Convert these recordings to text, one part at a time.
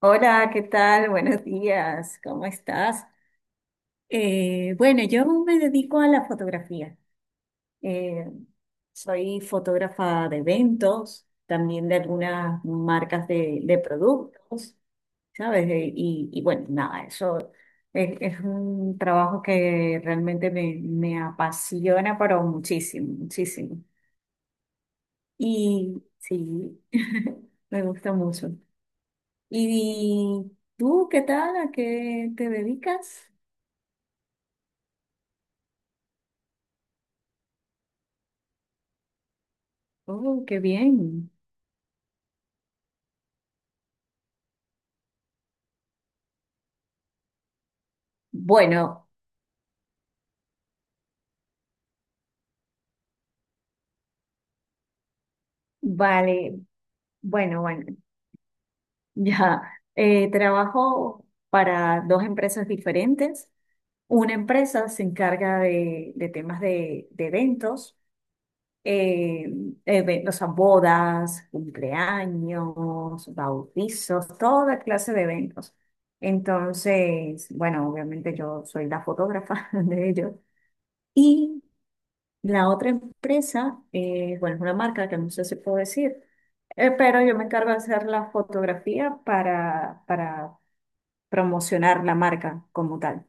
Hola, ¿qué tal? Buenos días, ¿cómo estás? Bueno, yo me dedico a la fotografía. Eh, Soy fotógrafa de eventos, también de algunas marcas de productos, ¿sabes? Y bueno, nada, eso es un trabajo que realmente me apasiona, pero muchísimo, muchísimo. Y sí, me gusta mucho. ¿Y tú qué tal? ¿A qué te dedicas? Oh, qué bien. Bueno, vale, bueno, ya. Trabajo para dos empresas diferentes. Una empresa se encarga de temas de eventos, eh, o sea, bodas, cumpleaños, bautizos, toda clase de eventos. Entonces, bueno, obviamente yo soy la fotógrafa de ellos. Y la otra empresa, bueno, es una marca que no sé si puedo decir, pero yo me encargo de hacer la fotografía para promocionar la marca como tal.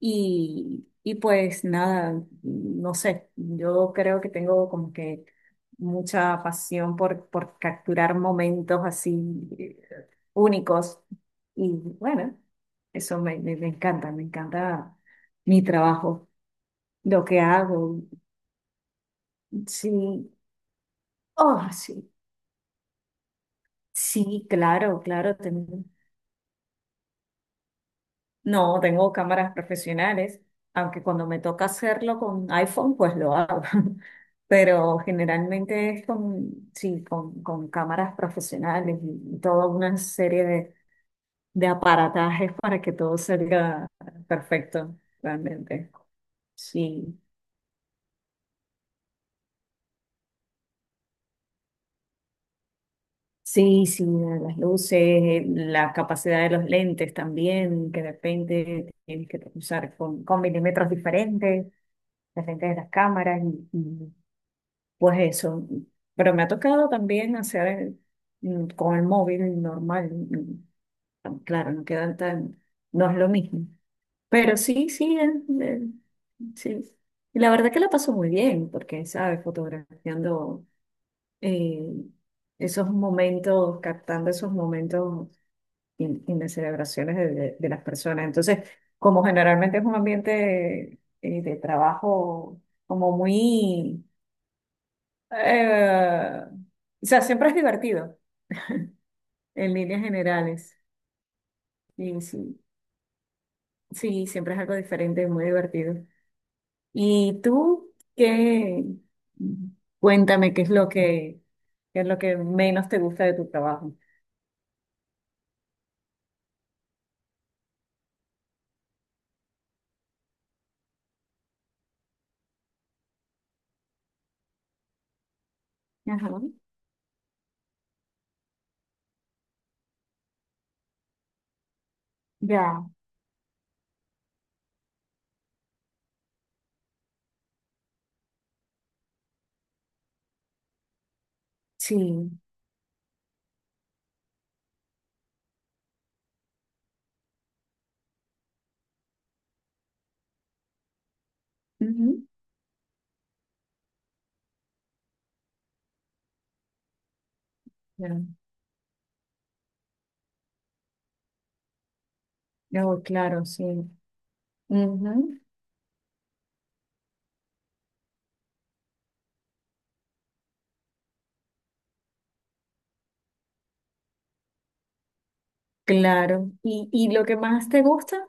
Y pues nada, no sé, yo creo que tengo como que mucha pasión por capturar momentos así únicos. Y bueno, eso me encanta, me encanta mi trabajo, lo que hago. Sí. Oh, sí, sí, claro, claro. No, tengo cámaras profesionales, aunque cuando me toca hacerlo con iPhone, pues lo hago. Pero generalmente es sí, con cámaras profesionales y toda una serie de aparatajes para que todo salga perfecto, realmente. Sí, sí, sí, las luces, la capacidad de los lentes también, que de repente tienes que usar con milímetros diferentes. De frente de las cámaras pues eso. Pero me ha tocado también hacer con el móvil normal. Claro, no quedan tan, no es lo mismo. Pero sí, sí, sí. Y la verdad que la paso muy bien, porque, ¿sabes? Fotografiando eh, esos momentos, captando esos momentos y las celebraciones de las personas. Entonces, como generalmente es un ambiente de trabajo como muy Eh, o sea, siempre es divertido, en líneas generales. Y sí, sí, siempre es algo diferente, muy divertido. ¿Y tú qué? Cuéntame qué es lo qué es lo que menos te gusta de tu trabajo. Ajá. Ya, sí. Ujú. Ya. Ya, oh, claro, sí. Ujú. Claro. Y lo que más te gusta?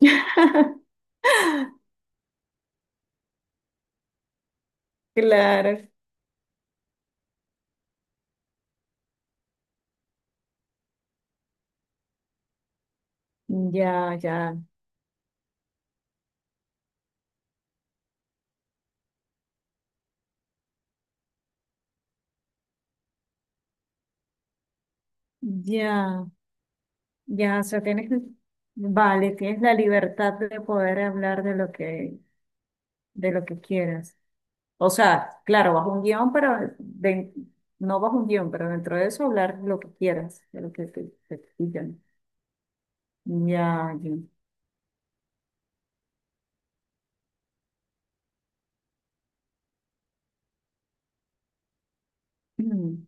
Claro. Ya, ya, ya. Ya, o sea, tienes, vale, tienes la libertad de poder hablar de lo de lo que quieras. O sea, claro, bajo un guión, pero no bajo un guión, pero dentro de eso hablar lo que quieras, de lo que te pidan. Ya, ya. Mm.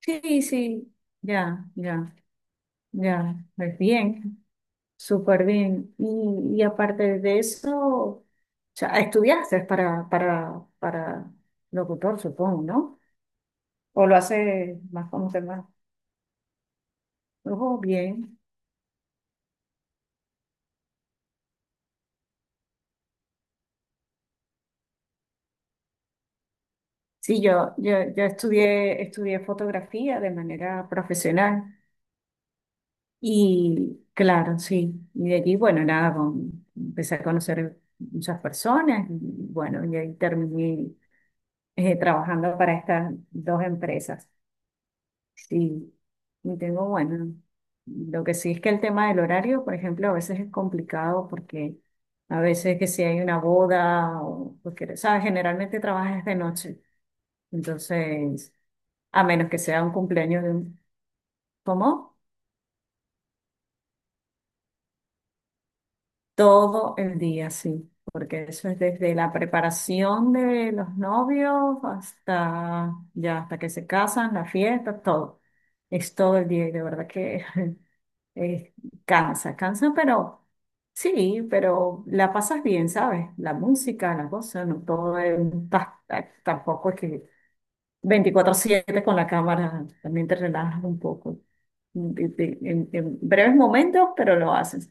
Sí, sí, ya, ya, ya. Pues bien, súper bien. Y aparte de eso, o sea, estudiaste para locutor, supongo, ¿no? O lo hace más como tema. Oh, bien. Sí, yo estudié fotografía de manera profesional y claro, sí. Y de allí, bueno, nada, empecé a conocer muchas personas y bueno, y ahí terminé trabajando para estas dos empresas. Sí, y tengo, bueno, lo que sí es que el tema del horario, por ejemplo, a veces es complicado porque a veces que si hay una boda o, porque, ¿sabes? Generalmente trabajas de noche. Entonces... A menos que sea un cumpleaños de un... ¿Cómo? Todo el día, sí. Porque eso es desde la preparación de los novios hasta ya, hasta que se casan, la fiesta, todo. Es todo el día y de verdad que eh, cansa, cansa, pero sí, pero la pasas bien, ¿sabes? La música, la cosa, no todo es, tampoco es que 24/7 con la cámara, también te relajas un poco. En breves momentos, pero lo haces.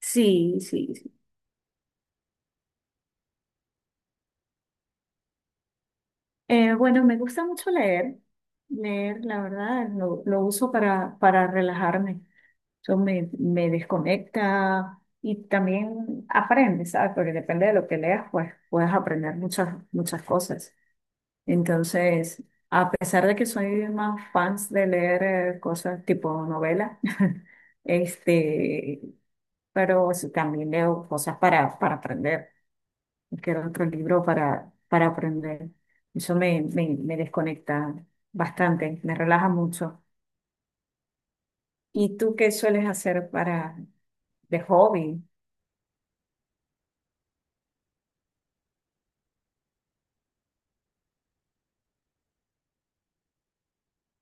Sí, sí, sí. Bueno, me gusta mucho leer. Leer, la verdad, lo uso para relajarme. Me desconecta y también aprendes, ¿sabes? Porque depende de lo que leas, pues puedes aprender muchas, muchas cosas. Entonces, a pesar de que soy más fans de leer cosas tipo novela, este, pero sí también leo cosas para aprender. Quiero otro libro para aprender. Me desconecta bastante, me relaja mucho. ¿Y tú qué sueles hacer para de hobby?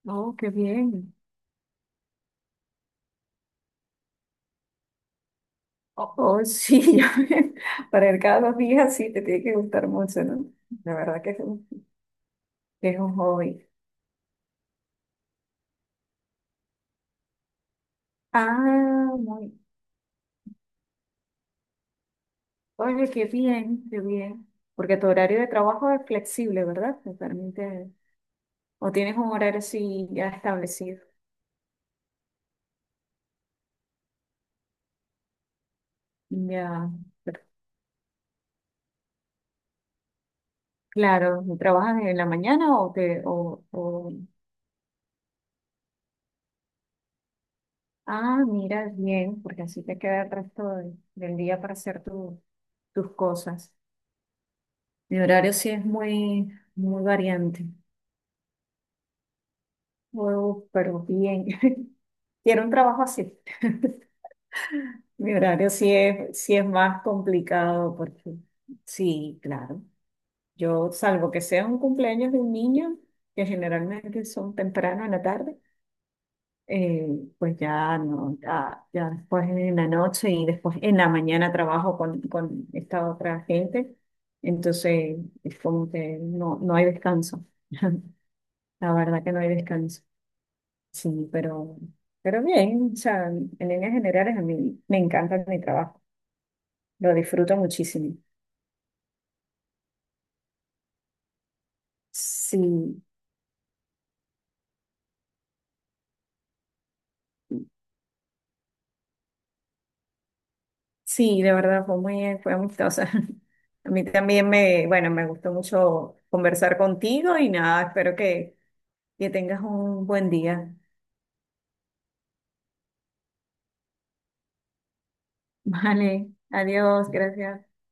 Oh, qué bien. Oh, oh, sí, ya ven, para ir cada dos días sí te tiene que gustar mucho, ¿no? La verdad que es un hobby. Ah, muy. Oye, qué bien, qué bien. Porque tu horario de trabajo es flexible, ¿verdad? Te permite, o tienes un horario así ya establecido. Ya, pero, claro, ¿trabajas en la mañana o te, o... Ah, mira, bien, porque así te queda el resto del día para hacer tus cosas. Mi horario sí es muy, muy variante. Oh, pero bien. Quiero un trabajo así. Mi horario sí es más complicado porque sí, claro. Yo, salvo que sea un cumpleaños de un niño, que generalmente son temprano en la tarde, eh, pues ya no, ya, ya después en la noche y después en la mañana trabajo con esta otra gente. Entonces es como que no, no hay descanso. La verdad que no hay descanso. Sí, pero bien, o sea, en líneas generales a mí me encanta mi trabajo. Lo disfruto muchísimo. Sí, sí, de verdad fue muy, fue amistosa. A mí también me, bueno, me gustó mucho conversar contigo y nada, espero que tengas un buen día. Vale, adiós, gracias.